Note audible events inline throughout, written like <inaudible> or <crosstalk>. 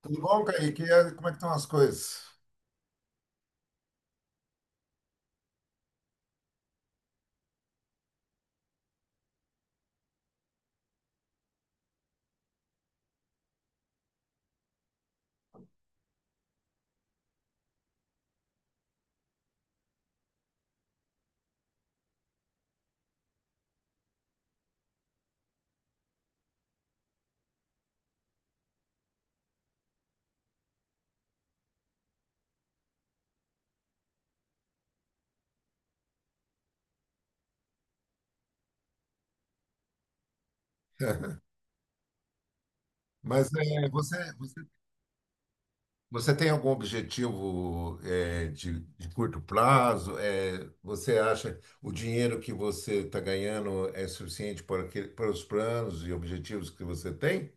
Tudo bom, Kaique? E aí, como é que estão as coisas? <laughs> Mas é, você tem algum objetivo de curto prazo? É, você acha o dinheiro que você está ganhando é suficiente para, para os planos e objetivos que você tem?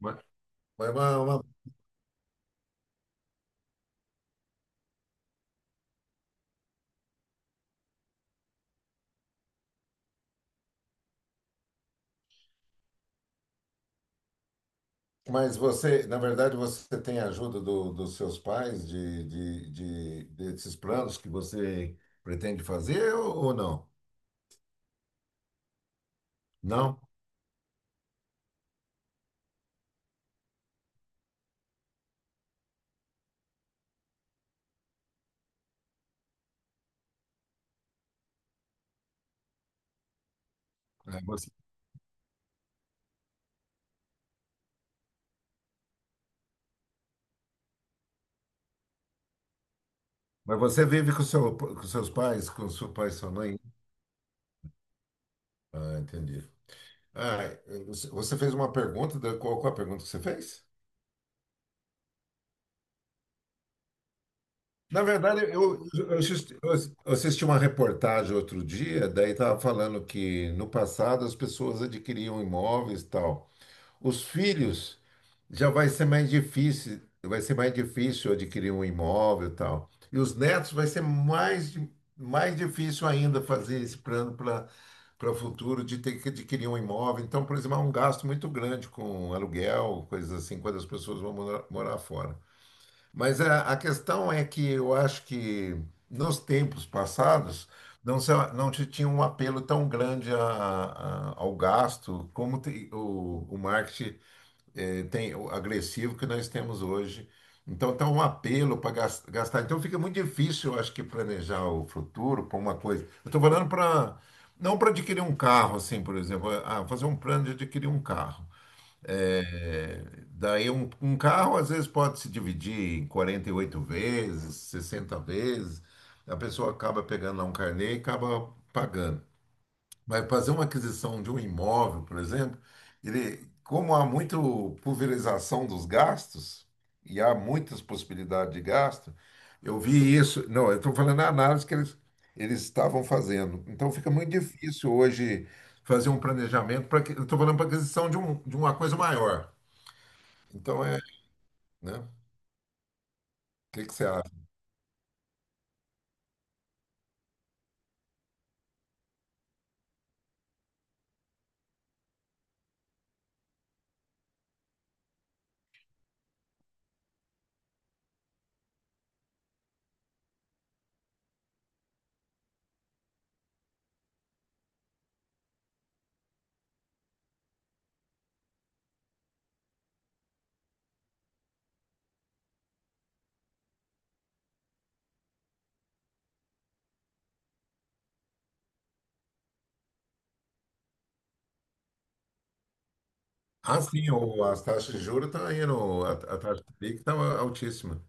Ma- Mas, ma- ma- mas você, na verdade, você tem a ajuda dos seus pais desses planos que você pretende fazer ou não? Não? É, você- Mas você vive com, seu, com seus pais, com seu pai e sua mãe? Ah, entendi. Ah, você fez uma pergunta, qual, qual a pergunta que você fez? Na verdade, eu assisti, eu assisti uma reportagem outro dia, daí estava falando que no passado as pessoas adquiriam imóveis e tal. Os filhos já vai ser mais difícil, vai ser mais difícil adquirir um imóvel e tal. E os netos vai ser mais, mais difícil ainda fazer esse plano para para o futuro de ter que adquirir um imóvel. Então, por exemplo, há um gasto muito grande com aluguel, coisas assim, quando as pessoas vão morar, morar fora. Mas a questão é que eu acho que nos tempos passados não, não se tinha um apelo tão grande ao gasto como o marketing tem o agressivo que nós temos hoje. Então, está um apelo para gastar. Então, fica muito difícil, eu acho que, planejar o futuro para uma coisa. Eu estou falando para. Não para adquirir um carro, assim, por exemplo. Ah, fazer um plano de adquirir um carro. É, daí, um carro, às vezes, pode se dividir em 48 vezes, 60 vezes. A pessoa acaba pegando lá um carnê e acaba pagando vai fazer uma aquisição de um imóvel, por exemplo, ele, como há muita pulverização dos gastos, e há muitas possibilidades de gasto, eu vi isso. Não, eu estou falando a análise que eles estavam fazendo. Então fica muito difícil hoje fazer um planejamento para que. Eu estou falando para aquisição de, um, de uma coisa maior. Então é, né? O que que você acha? Ah, sim, as taxas de juros estão indo, a taxa de PIB está altíssima.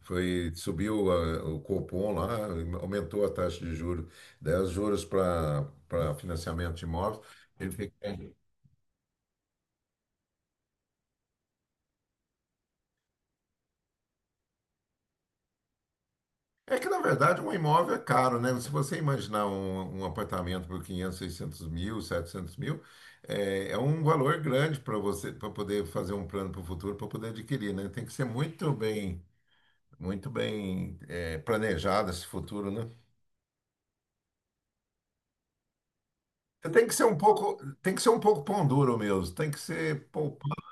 Foi, subiu o Copom lá, aumentou a taxa de juros, 10 juros para para financiamento de imóvel. Ele fica- É que, na verdade, um imóvel é caro, né? Se você imaginar um, um apartamento por 500, 600 mil, 700 mil, é, é um valor grande para você, para poder fazer um plano para o futuro, para poder adquirir, né? Tem que ser muito bem, é, planejado esse futuro, né? Você tem que ser um pouco, tem que ser um pouco pão duro mesmo, tem que ser poupado.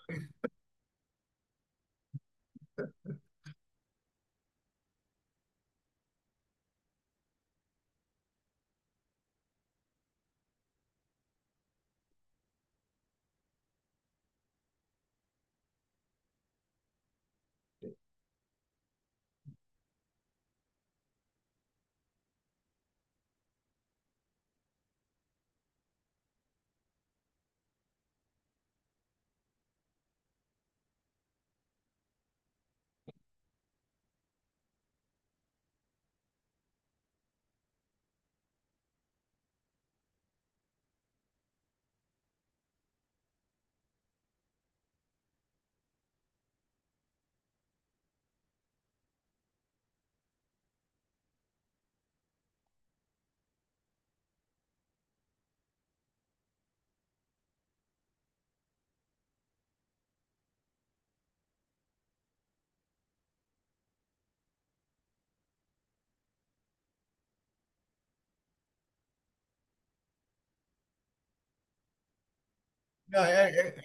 É,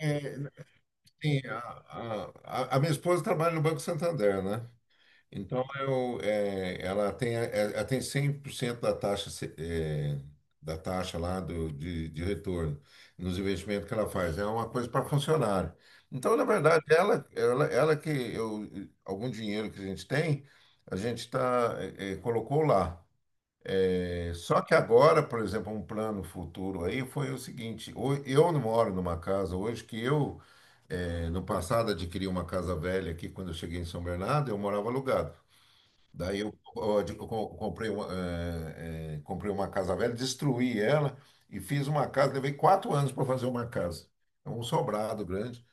é, é, Sim, a, a a minha esposa trabalha no Banco Santander, né? Então, eu, é, ela tem 100% da taxa, é, da taxa lá do, de retorno nos investimentos que ela faz. É uma coisa para funcionário. Então, na verdade, ela que eu, algum dinheiro que a gente tem, a gente tá, é, é, colocou lá. É, só que agora, por exemplo, um plano futuro aí foi o seguinte: eu não moro numa casa hoje que eu, eh, no passado, adquiri uma casa velha aqui quando eu cheguei em São Bernardo, eu morava alugado. Daí eu, ó, eu comprei uma, comprei uma casa velha, destruí ela e fiz uma casa. Levei 4 anos para fazer uma casa. É um sobrado grande.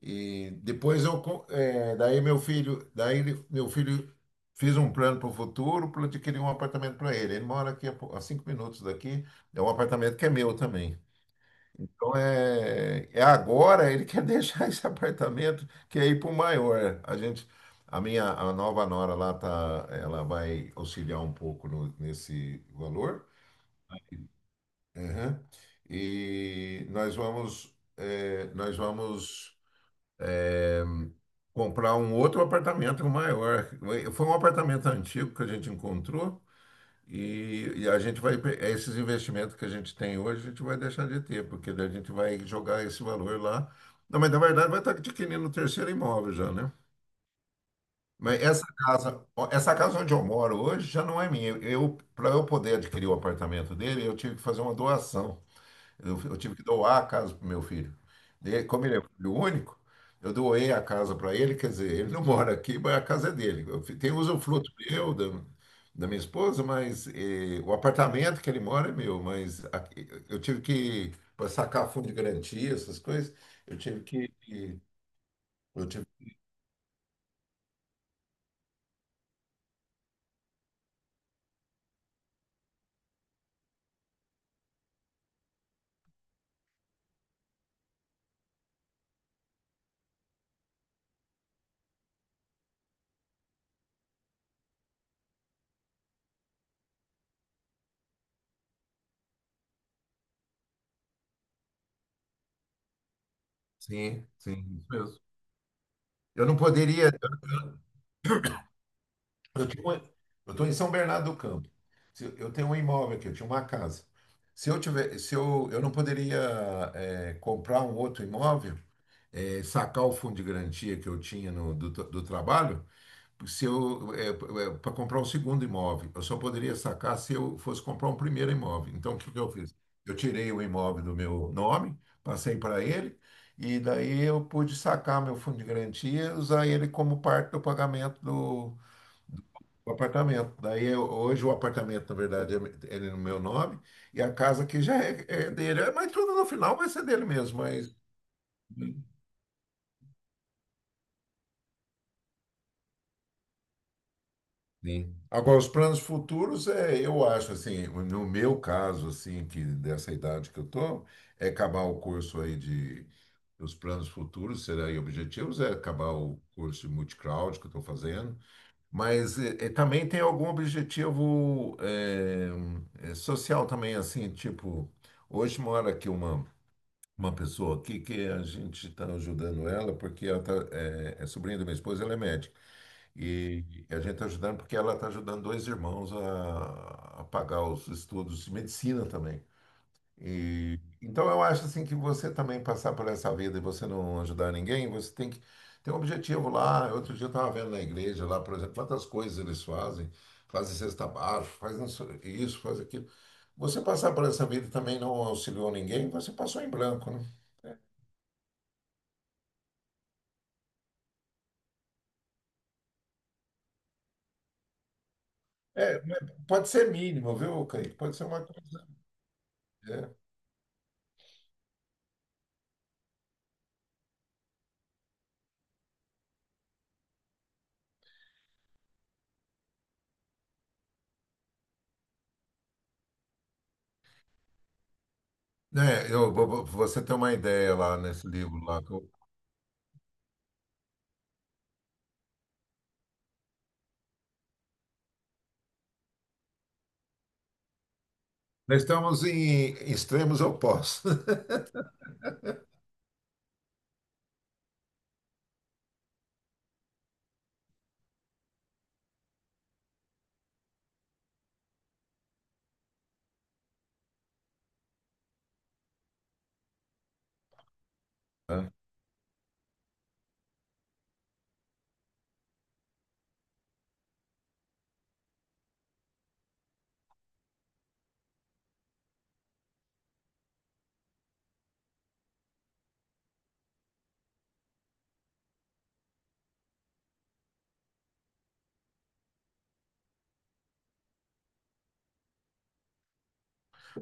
E depois eu, daí meu filho, meu filho fez um plano para o futuro, para eu adquirir um apartamento para ele. Ele mora aqui a, a 5 minutos daqui, é um apartamento que é meu também. Então é, é agora ele quer <laughs> deixar esse apartamento que é ir para o maior. A gente, a minha, a nova nora lá tá, ela vai auxiliar um pouco nesse valor. Uhum. E nós vamos, nós vamos é, comprar um outro apartamento maior. Foi um apartamento antigo que a gente encontrou e a gente vai, esses investimentos que a gente tem hoje, a gente vai deixar de ter, porque daí a gente vai jogar esse valor lá. Não, mas na verdade vai estar adquirindo o terceiro imóvel já, né? Mas essa casa, ó, essa casa onde eu moro hoje já não é minha. Eu, para eu poder adquirir o apartamento dele, eu tive que fazer uma doação. Eu tive que doar a casa para meu filho. E como ele é filho único, eu doei a casa para ele, quer dizer, ele não <laughs> mora aqui, mas a casa é dele. Tem usufruto meu, da, da minha esposa, mas eh, o apartamento que ele mora é meu, mas eu tive que, para sacar fundo de garantia, essas coisas, eu tive que. que- eu tive, sim, sim, isso mesmo. Eu não poderia. Eu tinha uma- eu estou em São Bernardo do Campo. Eu tenho um imóvel aqui, eu tinha uma casa. Se eu tiver, se eu, eu não poderia comprar um outro imóvel, sacar o fundo de garantia que eu tinha no, do, do trabalho, se eu para comprar um segundo imóvel, eu só poderia sacar se eu fosse comprar um primeiro imóvel. Então, o que que eu fiz? Eu tirei o imóvel do meu nome, passei para ele e daí eu pude sacar meu fundo de garantia, e usar ele como parte do pagamento o apartamento. Hoje o apartamento, na verdade, ele é no meu nome e a casa aqui já é, é dele. É, mas tudo no final vai ser dele mesmo. Mas sim. Agora os planos futuros é, eu acho assim, no meu caso assim, que dessa idade que eu tô, é acabar o curso aí de os planos futuros será e objetivos é acabar o curso de multicloud que eu estou fazendo. Mas também tem algum objetivo social também, assim, tipo, hoje mora aqui uma pessoa aqui que a gente está ajudando ela, porque ela tá, é, sobrinha da minha esposa, ela é médica. E a gente está ajudando porque ela está ajudando dois irmãos a pagar os estudos de medicina também. E, então eu acho assim que você também passar por essa vida e você não ajudar ninguém, você tem que ter um objetivo lá. Outro dia eu estava vendo na igreja lá, por exemplo, quantas coisas eles fazem, fazem cesta básica, fazem isso, isso, faz aquilo. Você passar por essa vida e também não auxiliou ninguém, você passou em branco, né? É, mas pode ser mínimo, viu, Kaique? Pode ser uma coisa. É. Né, eu, você tem uma ideia lá nesse livro lá. Nós estamos em extremos opostos. <laughs>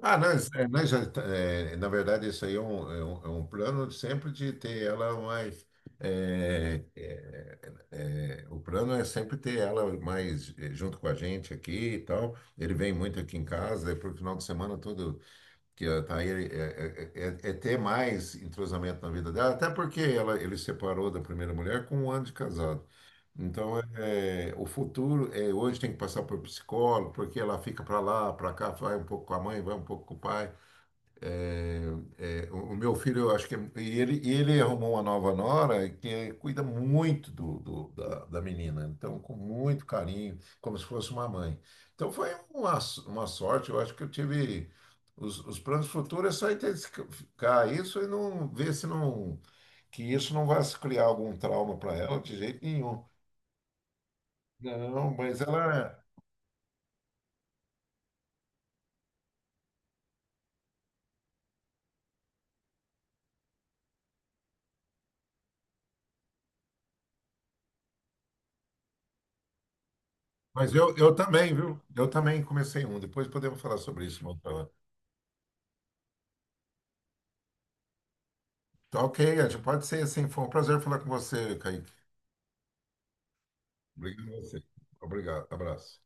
Ah, nós, é, nós já, é, na verdade, isso aí é um, é um, é um plano sempre de ter ela mais. é, é, é, o plano é sempre ter ela mais eh, junto com a gente aqui e tal. Ele vem muito aqui em casa, daí pro final de semana todo que ela tá aí, é ter mais entrosamento na vida dela, até porque ela, ele separou da primeira mulher com um ano de casado. Então, é, o futuro é hoje tem que passar por psicólogo, porque ela fica para lá, para cá, vai um pouco com a mãe, vai um pouco com o pai. É, é, o meu filho, eu acho que e ele arrumou uma nova nora que é, cuida muito do, da, da menina, então com muito carinho, como se fosse uma mãe. Então foi uma, uma sorte, eu acho que eu tive os planos futuros é só intensificar isso e não ver se não que isso não vai criar algum trauma para ela de jeito nenhum. Não, mas ela. É. Mas eu também, viu? Eu também comecei um. Depois podemos falar sobre isso, uma outra hora. Tá, ok, Ed, pode ser assim. Foi um prazer falar com você, Kaique. Obrigado a você. Obrigado. Abraço.